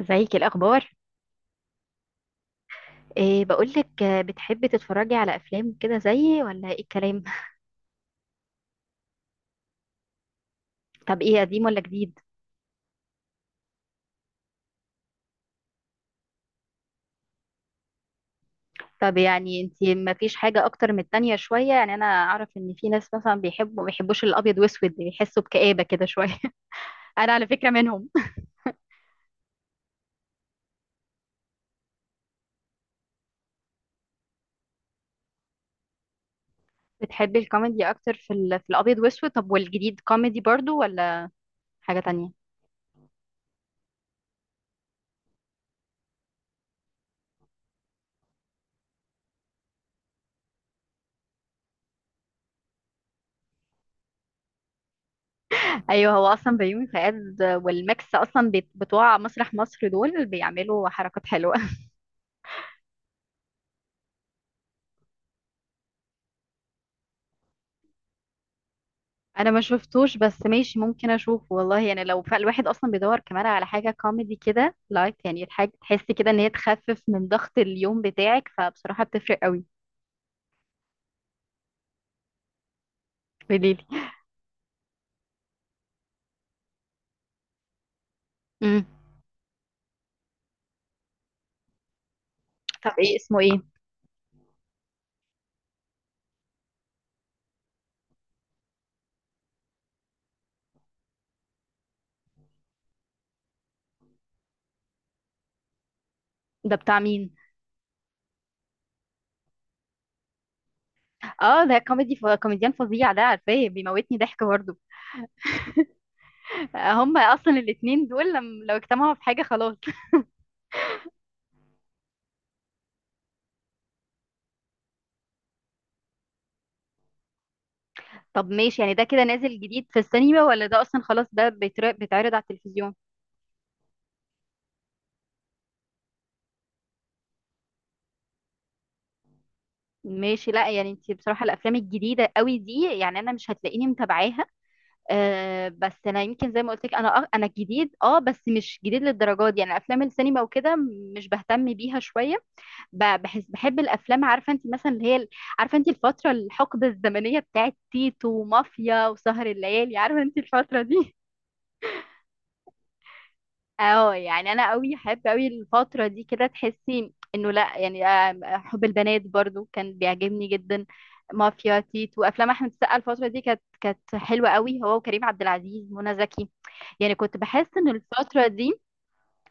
ازيك؟ إيه الاخبار؟ إيه بقولك، بتحبي تتفرجي على افلام كده زيي ولا ايه الكلام؟ طب ايه، قديم ولا جديد؟ طب يعني انتي ما فيش حاجه اكتر من التانية شويه؟ يعني انا اعرف ان في ناس مثلا بيحبوا ما بيحبوش الابيض واسود، بيحسوا بكآبه كده شويه. انا على فكره منهم. بتحبي الكوميدي اكتر في في الابيض واسود؟ طب والجديد كوميدي برضو ولا حاجه تانية؟ ايوه، هو اصلا بيومي فؤاد والماكس اصلا بتوع مسرح مصر، دول بيعملوا حركات حلوه. انا ما شفتوش بس ماشي، ممكن اشوفه والله. يعني لو فالواحد اصلا بيدور كمان على حاجه كوميدي كده لايت، يعني الحاجه تحس كده ان هي تخفف من ضغط اليوم بتاعك، فبصراحه بتفرق قوي. قوليلي. امم طب ايه اسمه، ايه؟ ده بتاع مين؟ اه، ده كوميدي كوميديان فظيع، ده عارفاه، بيموتني ضحك برضه. هما اصلا الاتنين دول لم... لو اجتمعوا في حاجه خلاص. طب ماشي، يعني ده كده نازل جديد في السينما، ولا ده اصلا خلاص ده بيتعرض على التلفزيون؟ ماشي. لا يعني انت بصراحة الافلام الجديدة قوي دي، يعني انا مش هتلاقيني متابعاها. أه بس انا يمكن زي ما قلت لك، انا انا جديد، اه بس مش جديد للدرجة دي، يعني افلام السينما وكده مش بهتم بيها شوية. بحس بحب الافلام، عارفة انت مثلا اللي هي عارفة انت الفترة، الحقبة الزمنية بتاعت تيتو ومافيا وسهر الليالي، عارفة انت الفترة دي؟ اه، يعني انا قوي احب قوي الفتره دي كده، تحسي انه لا يعني، حب البنات برضو كان بيعجبني جدا. مافيا تيت وافلام احمد السقا، الفتره دي كانت حلوه قوي، هو وكريم عبد العزيز، منى زكي. يعني كنت بحس ان الفتره دي،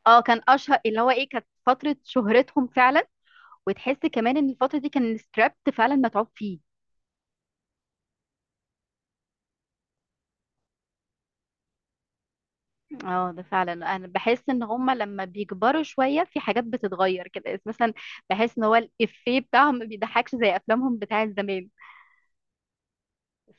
اه، كان اشهر اللي هو ايه، كانت فتره شهرتهم فعلا. وتحس كمان ان الفتره دي كان السكريبت فعلا متعوب فيه. اه ده فعلا، انا بحس ان هما لما بيكبروا شويه في حاجات بتتغير كده مثلا، بحس ان هو الافيه بتاعهم ما بيضحكش زي افلامهم بتاعت زمان.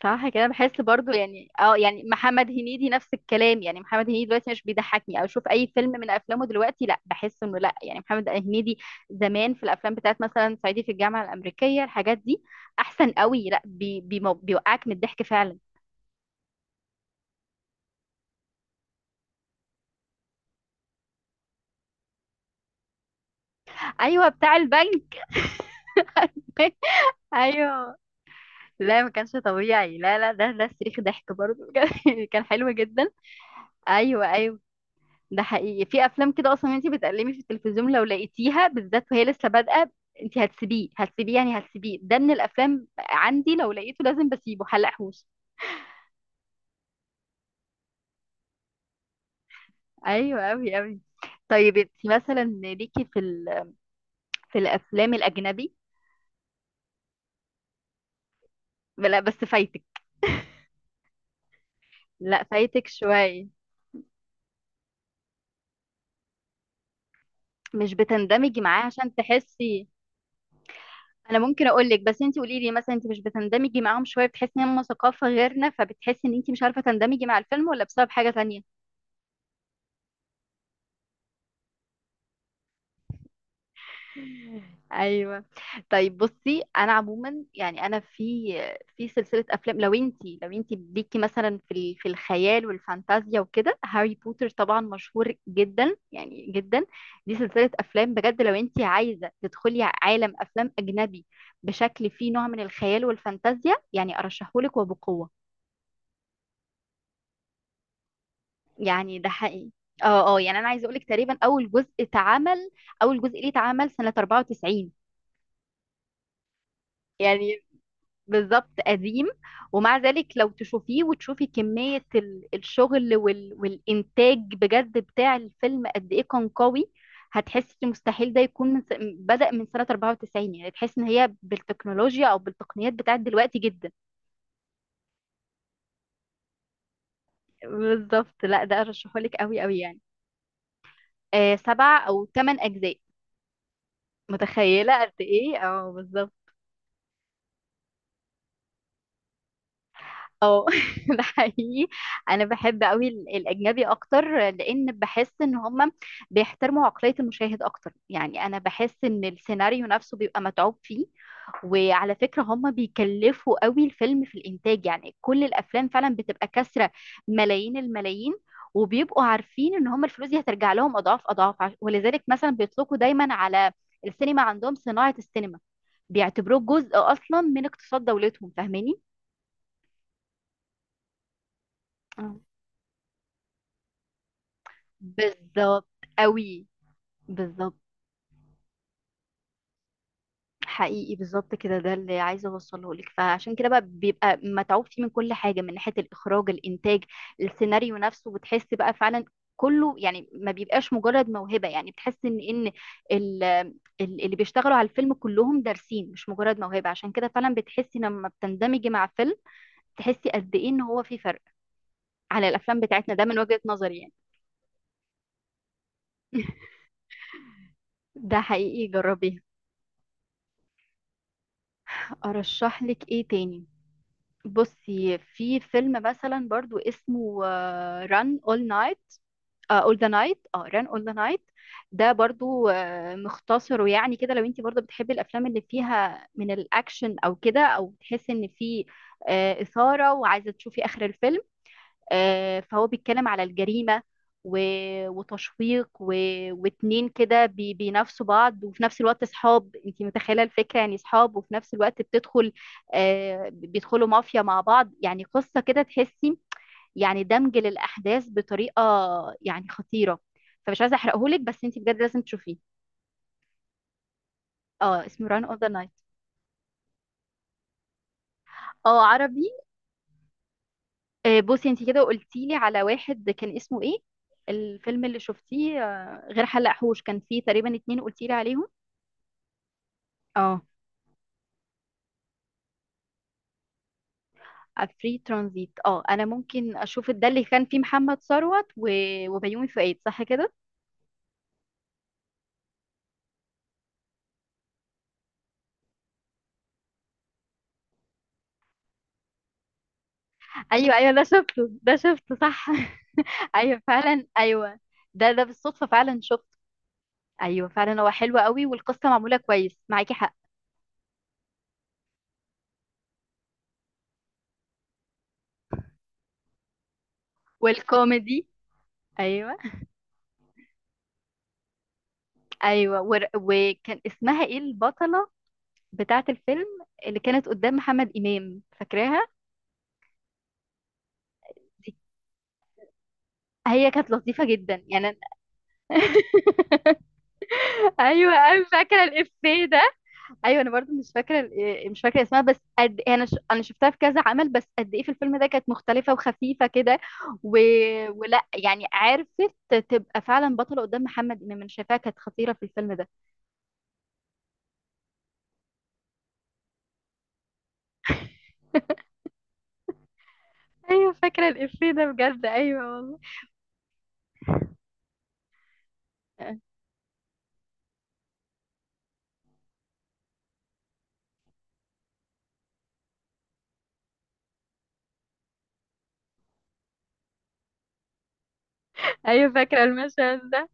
صح كده، بحس برضو، يعني اه يعني محمد هنيدي نفس الكلام، يعني محمد هنيدي دلوقتي مش بيضحكني، او اشوف اي فيلم من افلامه دلوقتي لا، بحس انه لا يعني محمد هنيدي زمان في الافلام بتاعت مثلا صعيدي في الجامعه الامريكيه، الحاجات دي احسن قوي. لا بي بي بيوقعك من الضحك فعلا. ايوه، بتاع البنك. ايوه، لا ما كانش طبيعي. لا، ده ده صريخ ضحك برضه بجد. كان حلو جدا. ايوه ايوه. ده حقيقي في افلام كده اصلا انت بتقلبي في التلفزيون لو لقيتيها بالذات وهي لسه بادئه، انت هتسيبيه يعني هتسيبيه، ده من الافلام عندي لو لقيته لازم بسيبه حلقهوش. ايوه اوي اوي. طيب انت مثلا ليكي في في الافلام الاجنبي؟ لا بس فايتك. لا فايتك شويه. مش بتندمجي معاه عشان تحسي؟ انا ممكن اقول لك، بس انت قولي لي مثلا، انت مش بتندمجي معاهم شويه، بتحسي ان هم ثقافه غيرنا فبتحسي ان انت مش عارفه تندمجي مع الفيلم، ولا بسبب حاجه تانية؟ ايوه. طيب بصي، انا عموما يعني انا في في سلسله افلام، لو انت لو انت ليكي مثلا في في الخيال والفانتازيا وكده، هاري بوتر طبعا مشهور جدا يعني جدا. دي سلسله افلام، بجد لو انت عايزه تدخلي عالم افلام اجنبي بشكل فيه نوع من الخيال والفانتازيا، يعني ارشحهولك وبقوه. يعني ده حقيقي. اه، يعني انا عايزه اقول لك تقريبا اول جزء اتعمل، اول جزء ليه اتعمل سنه 94. يعني بالظبط قديم، ومع ذلك لو تشوفيه وتشوفي كميه الشغل والانتاج بجد بتاع الفيلم قد ايه كان قوي، هتحسي إن مستحيل ده يكون من بدأ من سنه 94، يعني تحس ان هي بالتكنولوجيا او بالتقنيات بتاعت دلوقتي جدا. بالظبط، لا ده ارشحهولك قوي قوي يعني. آه، سبع او ثمان اجزاء. متخيله قد ايه؟ اه بالظبط. اه. ده حقيقي، انا بحب قوي الاجنبي اكتر، لان بحس ان هم بيحترموا عقلية المشاهد اكتر، يعني انا بحس ان السيناريو نفسه بيبقى متعوب فيه. وعلى فكرة هم بيكلفوا قوي الفيلم في الانتاج، يعني كل الافلام فعلا بتبقى كسرة ملايين الملايين، وبيبقوا عارفين ان هم الفلوس دي هترجع لهم اضعاف اضعاف، ولذلك مثلا بيطلقوا دايما على السينما عندهم صناعة السينما، بيعتبروه جزء اصلا من اقتصاد دولتهم، فاهماني؟ بالظبط قوي، بالظبط. حقيقي بالظبط كده، ده اللي عايزه اوصله لك، فعشان كده بقى بيبقى متعوب فيه من كل حاجه، من ناحيه الاخراج، الانتاج، السيناريو نفسه، بتحس بقى فعلا كله. يعني ما بيبقاش مجرد موهبه، يعني بتحس ان ان ال- اللي بيشتغلوا على الفيلم كلهم دارسين مش مجرد موهبه، عشان كده فعلا بتحسي لما بتندمجي مع فيلم تحسي قد ايه ان هو في فرق على الافلام بتاعتنا. ده من وجهه نظري يعني. ده حقيقي جربيه. ارشح لك ايه تاني؟ بصي في فيلم مثلا برضو اسمه ران اول نايت، اول ذا نايت، اه ران اول ذا نايت. ده برضو مختصر ويعني كده، لو انت برضو بتحبي الافلام اللي فيها من الاكشن او كده، او بتحسي ان في اثاره وعايزه تشوفي اخر الفيلم. فهو بيتكلم على الجريمة وتشويق و... واتنين كده بينافسوا بعض، وفي نفس الوقت صحاب، انت متخيلة الفكرة يعني، صحاب وفي نفس الوقت بتدخل، بيدخلوا مافيا مع بعض، يعني قصة كده تحسي، يعني دمج للأحداث بطريقة يعني خطيرة. فمش عايزة احرقهولك بس انت بجد لازم تشوفيه. اه اسمه ران اوف ذا نايت. اه عربي. بصي انت كده قلتي لي على واحد كان اسمه ايه، الفيلم اللي شفتيه غير حلق حوش كان فيه تقريبا اتنين قلتي لي عليهم؟ اه. فري ترانزيت، اه انا ممكن اشوف ده، اللي كان فيه محمد ثروت و... وبيومي فؤاد، صح كده؟ ايوه ايوه، ده شفته ده شفته صح. ايوه فعلا ايوه، ده ده بالصدفه فعلا شفته. ايوه فعلا، هو حلو قوي، والقصه معموله كويس، معاكي حق. والكوميدي. ايوه ايوه. وكان اسمها ايه البطله بتاعة الفيلم، اللي كانت قدام محمد إمام، فاكراها؟ دي؟ هي كانت لطيفة جدا يعني، أنا. ايوه انا فاكره الافيه ده. ايوه انا برضو مش فاكره مش فاكره اسمها، بس قد إيه، انا انا شفتها في كذا عمل، بس قد ايه في الفيلم ده كانت مختلفه وخفيفه كده و... ولا يعني عرفت تبقى فعلا بطله قدام محمد امام. انا شايفاها كانت خطيره في الفيلم ده. ايوه فاكره الافيه ده بجد، ايوه والله. ايوه فاكره المشهد ده.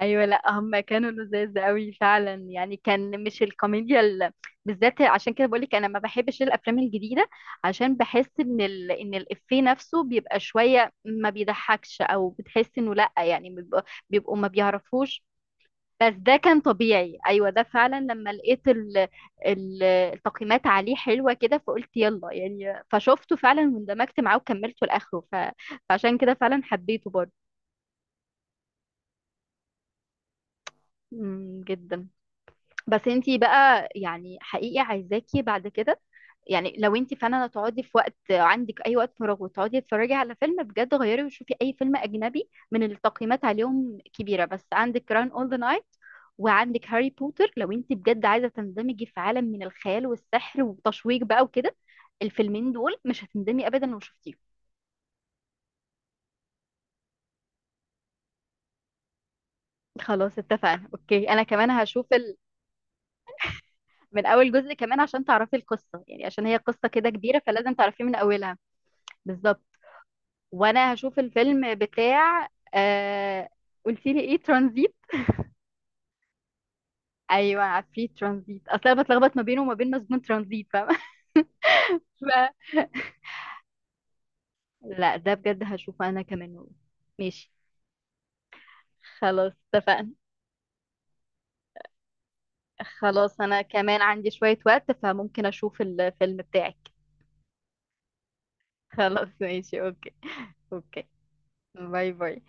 ايوه، لا هم كانوا لذاذ قوي فعلا، يعني كان مش الكوميديا بالذات، عشان كده بقول لك انا ما بحبش الافلام الجديده، عشان بحس ان ان الافيه نفسه بيبقى شويه ما بيضحكش، او بتحس انه لا يعني بيبقوا ما بيعرفوش. بس ده كان طبيعي، ايوه ده فعلا لما لقيت التقييمات عليه حلوه كده، فقلت يلا يعني، فشفته فعلا واندمجت معاه وكملته لاخره، ف... فعشان كده فعلا حبيته برضه. جدا. بس انتي بقى يعني حقيقي عايزاكي بعد كده يعني، لو انتي فعلا هتقعدي في وقت، عندك اي وقت فراغ وتقعدي تتفرجي على فيلم بجد، غيري وشوفي اي فيلم اجنبي من اللي التقييمات عليهم كبيره، بس عندك كران اول ذا نايت، وعندك هاري بوتر لو انتي بجد عايزه تندمجي في عالم من الخيال والسحر وتشويق بقى وكده. الفيلمين دول مش هتندمي ابدا لو شفتيهم. خلاص اتفقنا اوكي، انا كمان هشوف من اول جزء كمان عشان تعرفي القصه، يعني عشان هي قصه كده كبيره، فلازم تعرفيه من اولها. بالظبط. وانا هشوف الفيلم بتاع آه... قلت لي ايه ترانزيت؟ ايوه عفريت ترانزيت، اصل انا بتلخبط ما بينه وما بين مسجون ترانزيت، فاهمه؟ ف- لا ده بجد هشوفه انا كمان والله. ماشي. خلاص اتفقنا. خلاص انا كمان عندي شوية وقت، فممكن اشوف الفيلم بتاعك. خلاص ماشي اوكي. اوكي. باي باي.